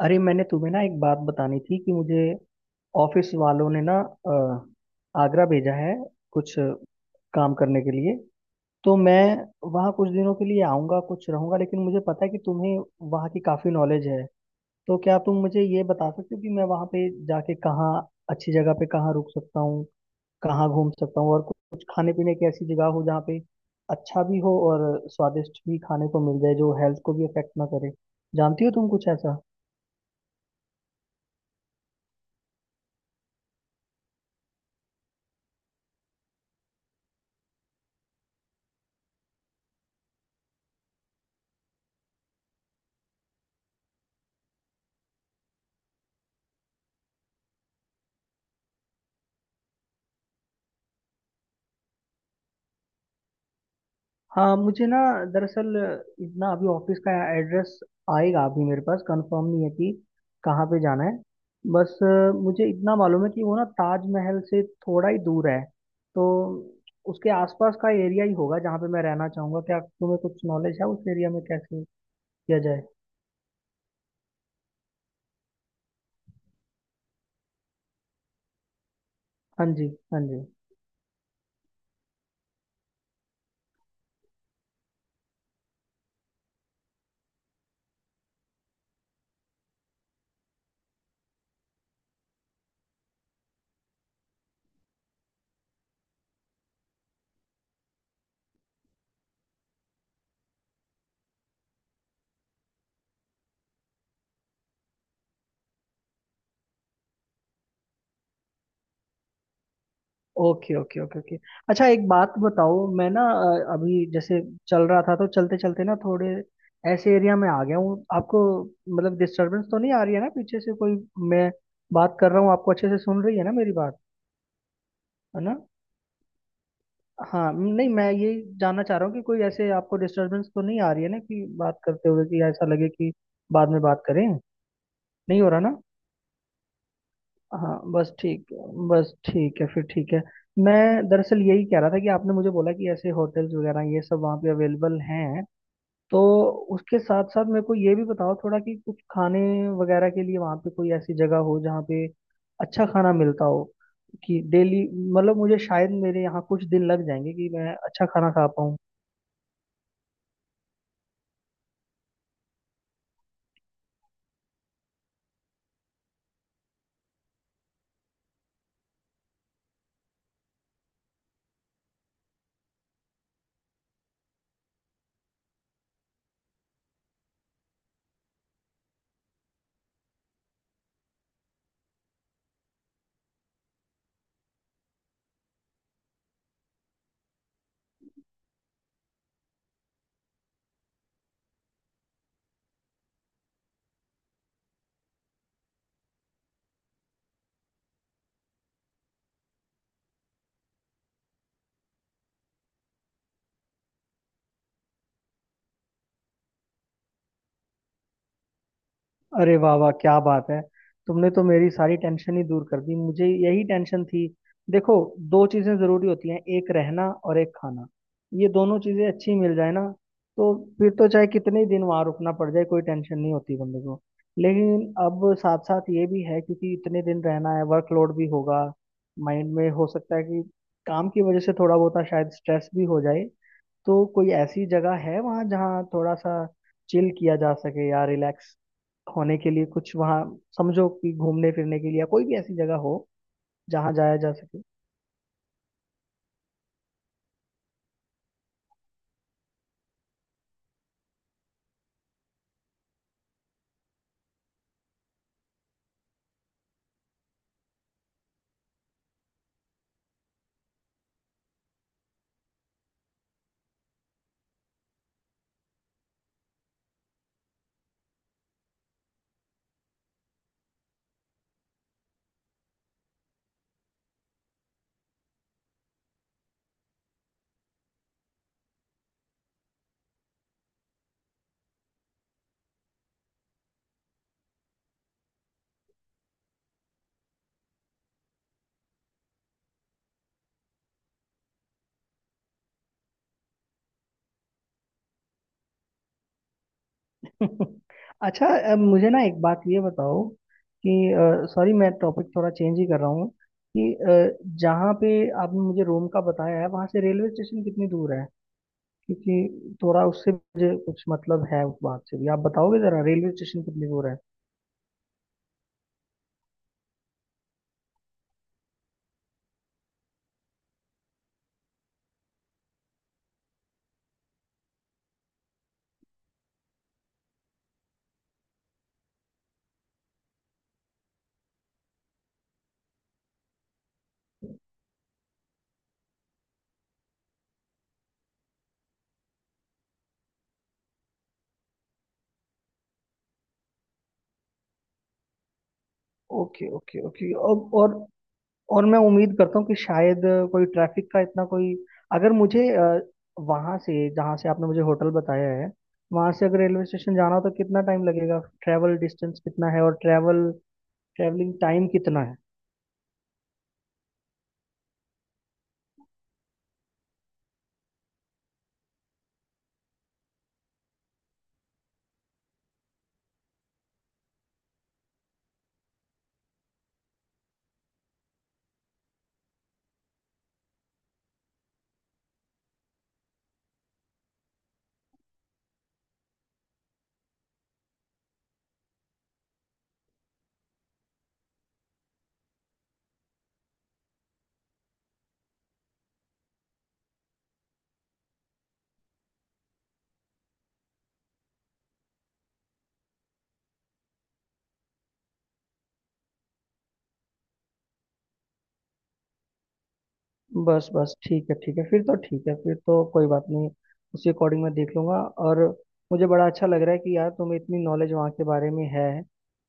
अरे, मैंने तुम्हें ना एक बात बतानी थी कि मुझे ऑफिस वालों ने ना आगरा भेजा है कुछ काम करने के लिए। तो मैं वहाँ कुछ दिनों के लिए आऊँगा, कुछ रहूँगा, लेकिन मुझे पता है कि तुम्हें वहाँ की काफ़ी नॉलेज है। तो क्या तुम मुझे ये बता सकते हो कि मैं वहाँ पे जाके कहाँ अच्छी जगह पे कहाँ रुक सकता हूँ, कहाँ घूम सकता हूँ, और कुछ खाने पीने की ऐसी जगह हो जहाँ पे अच्छा भी हो और स्वादिष्ट भी खाने को मिल जाए जो हेल्थ को भी अफेक्ट ना करे। जानती हो तुम कुछ ऐसा? हाँ, मुझे ना दरअसल इतना अभी ऑफिस का एड्रेस आएगा, अभी मेरे पास कंफर्म नहीं है कि कहाँ पे जाना है। बस मुझे इतना मालूम है कि वो ना ताजमहल से थोड़ा ही दूर है। तो उसके आसपास का एरिया ही होगा जहाँ पे मैं रहना चाहूँगा। क्या तुम्हें कुछ नॉलेज है उस एरिया में कैसे किया जाए? हाँ जी। हाँ जी। Okay okay okay okay. अच्छा, एक बात बताओ, मैं ना अभी जैसे चल रहा था तो चलते चलते ना थोड़े ऐसे एरिया में आ गया हूँ आपको, मतलब डिस्टरबेंस तो नहीं आ रही है ना पीछे से कोई? मैं बात कर रहा हूँ, आपको अच्छे से सुन रही है ना मेरी बात? है ना? हाँ, नहीं मैं ये जानना चाह रहा हूँ कि कोई ऐसे आपको डिस्टरबेंस तो नहीं आ रही है ना कि बात करते हुए कि ऐसा लगे कि बाद में बात करें, नहीं हो रहा ना? हाँ, बस ठीक है फिर, ठीक है। मैं दरअसल यही कह रहा था कि आपने मुझे बोला कि ऐसे होटल्स वगैरह ये सब वहाँ पे अवेलेबल हैं, तो उसके साथ साथ मेरे को ये भी बताओ थोड़ा कि कुछ खाने वगैरह के लिए वहाँ पे कोई ऐसी जगह हो जहाँ पे अच्छा खाना मिलता हो कि डेली, मतलब मुझे शायद मेरे यहाँ कुछ दिन लग जाएंगे कि मैं अच्छा खाना खा पाऊँ। अरे वाह वाह, क्या बात है! तुमने तो मेरी सारी टेंशन ही दूर कर दी, मुझे यही टेंशन थी। देखो, दो चीजें जरूरी होती हैं, एक रहना और एक खाना। ये दोनों चीजें अच्छी मिल जाए ना, तो फिर तो चाहे कितने ही दिन वहां रुकना पड़ जाए, कोई टेंशन नहीं होती बंदे को। लेकिन अब साथ साथ ये भी है, क्योंकि इतने दिन रहना है, वर्कलोड भी होगा माइंड में, हो सकता है कि काम की वजह से थोड़ा बहुत शायद स्ट्रेस भी हो जाए। तो कोई ऐसी जगह है वहाँ जहाँ थोड़ा सा चिल किया जा सके या रिलैक्स होने के लिए कुछ वहाँ, समझो कि घूमने फिरने के लिए, या कोई भी ऐसी जगह हो जहाँ जाया जा सके? अच्छा, मुझे ना एक बात ये बताओ कि, सॉरी मैं टॉपिक थोड़ा चेंज ही कर रहा हूँ कि जहाँ पे आपने मुझे रोम का बताया है वहाँ से रेलवे स्टेशन कितनी दूर है? क्योंकि थोड़ा उससे मुझे कुछ मतलब है उस बात से भी, आप बताओगे जरा रेलवे स्टेशन कितनी दूर है? ओके ओके ओके, और मैं उम्मीद करता हूँ कि शायद कोई ट्रैफिक का इतना कोई, अगर मुझे वहां से, जहाँ से आपने मुझे होटल बताया है वहां से, अगर रेलवे स्टेशन जाना हो तो कितना टाइम लगेगा? ट्रैवल डिस्टेंस कितना है और ट्रैवलिंग टाइम कितना है? बस बस ठीक है, ठीक है, फिर तो ठीक है, फिर तो कोई बात नहीं। उसी अकॉर्डिंग मैं देख लूंगा। और मुझे बड़ा अच्छा लग रहा है कि यार तुम्हें इतनी नॉलेज वहाँ के बारे में है।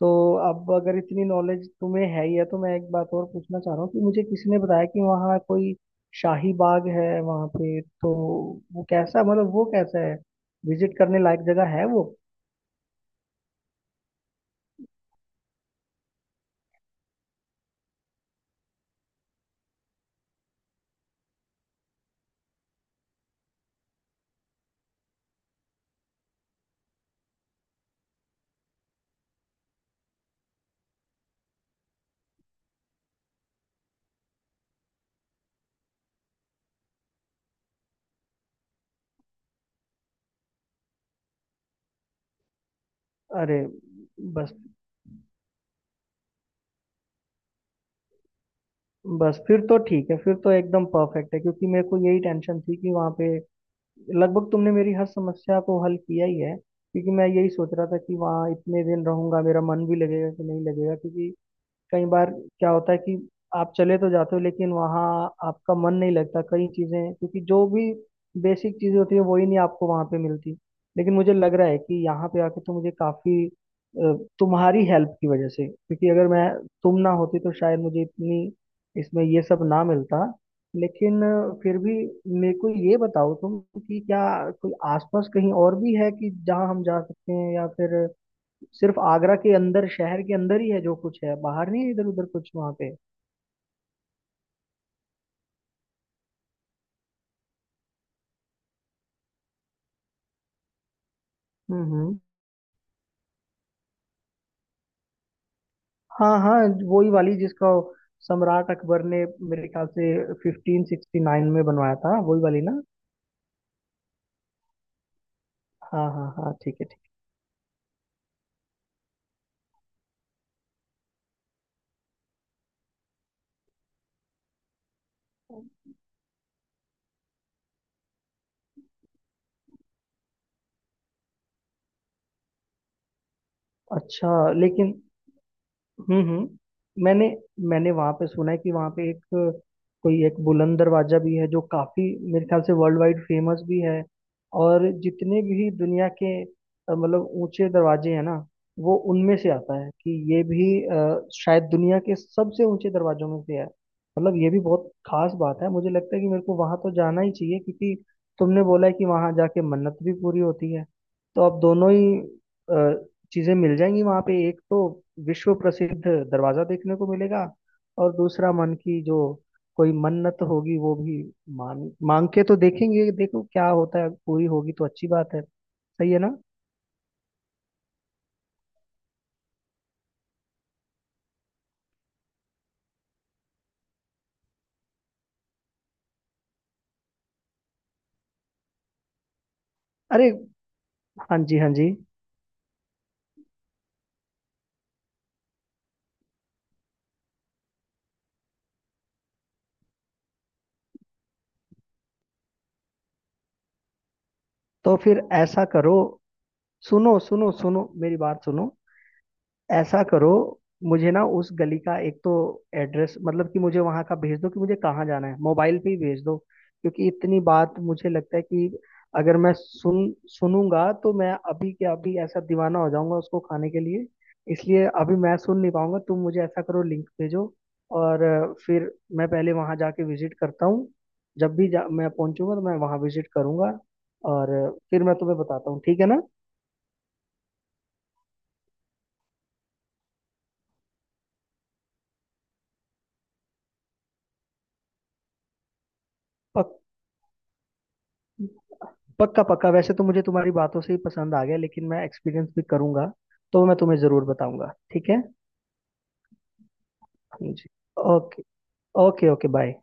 तो अब अगर इतनी नॉलेज तुम्हें है ही है तो मैं एक बात और पूछना चाह रहा हूँ कि मुझे किसी ने बताया कि वहाँ कोई शाही बाग है वहाँ पे, तो वो कैसा, मतलब वो कैसा है? विजिट करने लायक जगह है वो? अरे, बस बस फिर तो ठीक है, फिर तो एकदम परफेक्ट है, क्योंकि मेरे को यही टेंशन थी कि वहाँ पे, लगभग तुमने मेरी हर समस्या को हल किया ही है। क्योंकि मैं यही सोच रहा था कि वहाँ इतने दिन रहूंगा, मेरा मन भी लगेगा कि नहीं लगेगा, क्योंकि कई बार क्या होता है कि आप चले तो जाते हो लेकिन वहाँ आपका मन नहीं लगता, कई चीज़ें, क्योंकि जो भी बेसिक चीज़ें होती है वही नहीं आपको वहाँ पे मिलती। लेकिन मुझे लग रहा है कि यहाँ पे आके तो मुझे काफ़ी तुम्हारी हेल्प की वजह से, क्योंकि अगर मैं, तुम ना होती तो शायद मुझे इतनी, इसमें ये सब ना मिलता। लेकिन फिर भी मेरे को ये बताओ तुम कि क्या कोई आसपास कहीं और भी है कि जहाँ हम जा सकते हैं, या फिर सिर्फ आगरा के अंदर, शहर के अंदर ही है जो कुछ है, बाहर नहीं है इधर उधर कुछ वहां पे? हम्म। हाँ हाँ, वही वाली जिसका सम्राट अकबर ने मेरे ख्याल से 1569 में बनवाया था, वही वाली ना? हाँ हाँ हाँ, ठीक है, ठीक है। अच्छा। लेकिन हम्म, मैंने मैंने वहां पे सुना है कि वहां पे एक कोई एक बुलंद दरवाजा भी है, जो काफी, मेरे ख्याल से वर्ल्ड वाइड फेमस भी है। और जितने भी दुनिया के मतलब ऊंचे दरवाजे हैं ना, वो उनमें से आता है कि ये भी शायद दुनिया के सबसे ऊंचे दरवाजों में से है। मतलब ये भी बहुत खास बात है, मुझे लगता है कि मेरे को वहां तो जाना ही चाहिए, क्योंकि तुमने बोला है कि वहां जाके मन्नत भी पूरी होती है। तो अब दोनों ही चीजें मिल जाएंगी वहां पे, एक तो विश्व प्रसिद्ध दरवाजा देखने को मिलेगा, और दूसरा मन की जो कोई मन्नत होगी वो भी मान मांग के तो देखेंगे, देखो क्या होता है, पूरी होगी तो अच्छी बात है, सही है ना? अरे हाँ जी, हाँ जी। तो फिर ऐसा करो, सुनो सुनो सुनो, मेरी बात सुनो। ऐसा करो, मुझे ना उस गली का एक तो एड्रेस, मतलब कि मुझे वहां का भेज दो कि मुझे कहाँ जाना है, मोबाइल पे ही भेज दो। क्योंकि इतनी बात मुझे लगता है कि अगर मैं सुनूंगा तो मैं अभी के अभी ऐसा दीवाना हो जाऊंगा उसको खाने के लिए। इसलिए अभी मैं सुन नहीं पाऊंगा, तुम मुझे ऐसा करो, लिंक भेजो। और फिर मैं पहले वहां जाके विजिट करता हूँ, जब भी मैं पहुंचूंगा तो मैं वहां विजिट करूंगा। और फिर मैं तुम्हें बताता हूँ, ठीक है ना? पक पक्का पक्का, वैसे तो मुझे तुम्हारी बातों से ही पसंद आ गया, लेकिन मैं एक्सपीरियंस भी करूंगा, तो मैं तुम्हें जरूर बताऊंगा, ठीक है। जी। ओके। Okay okay, bye.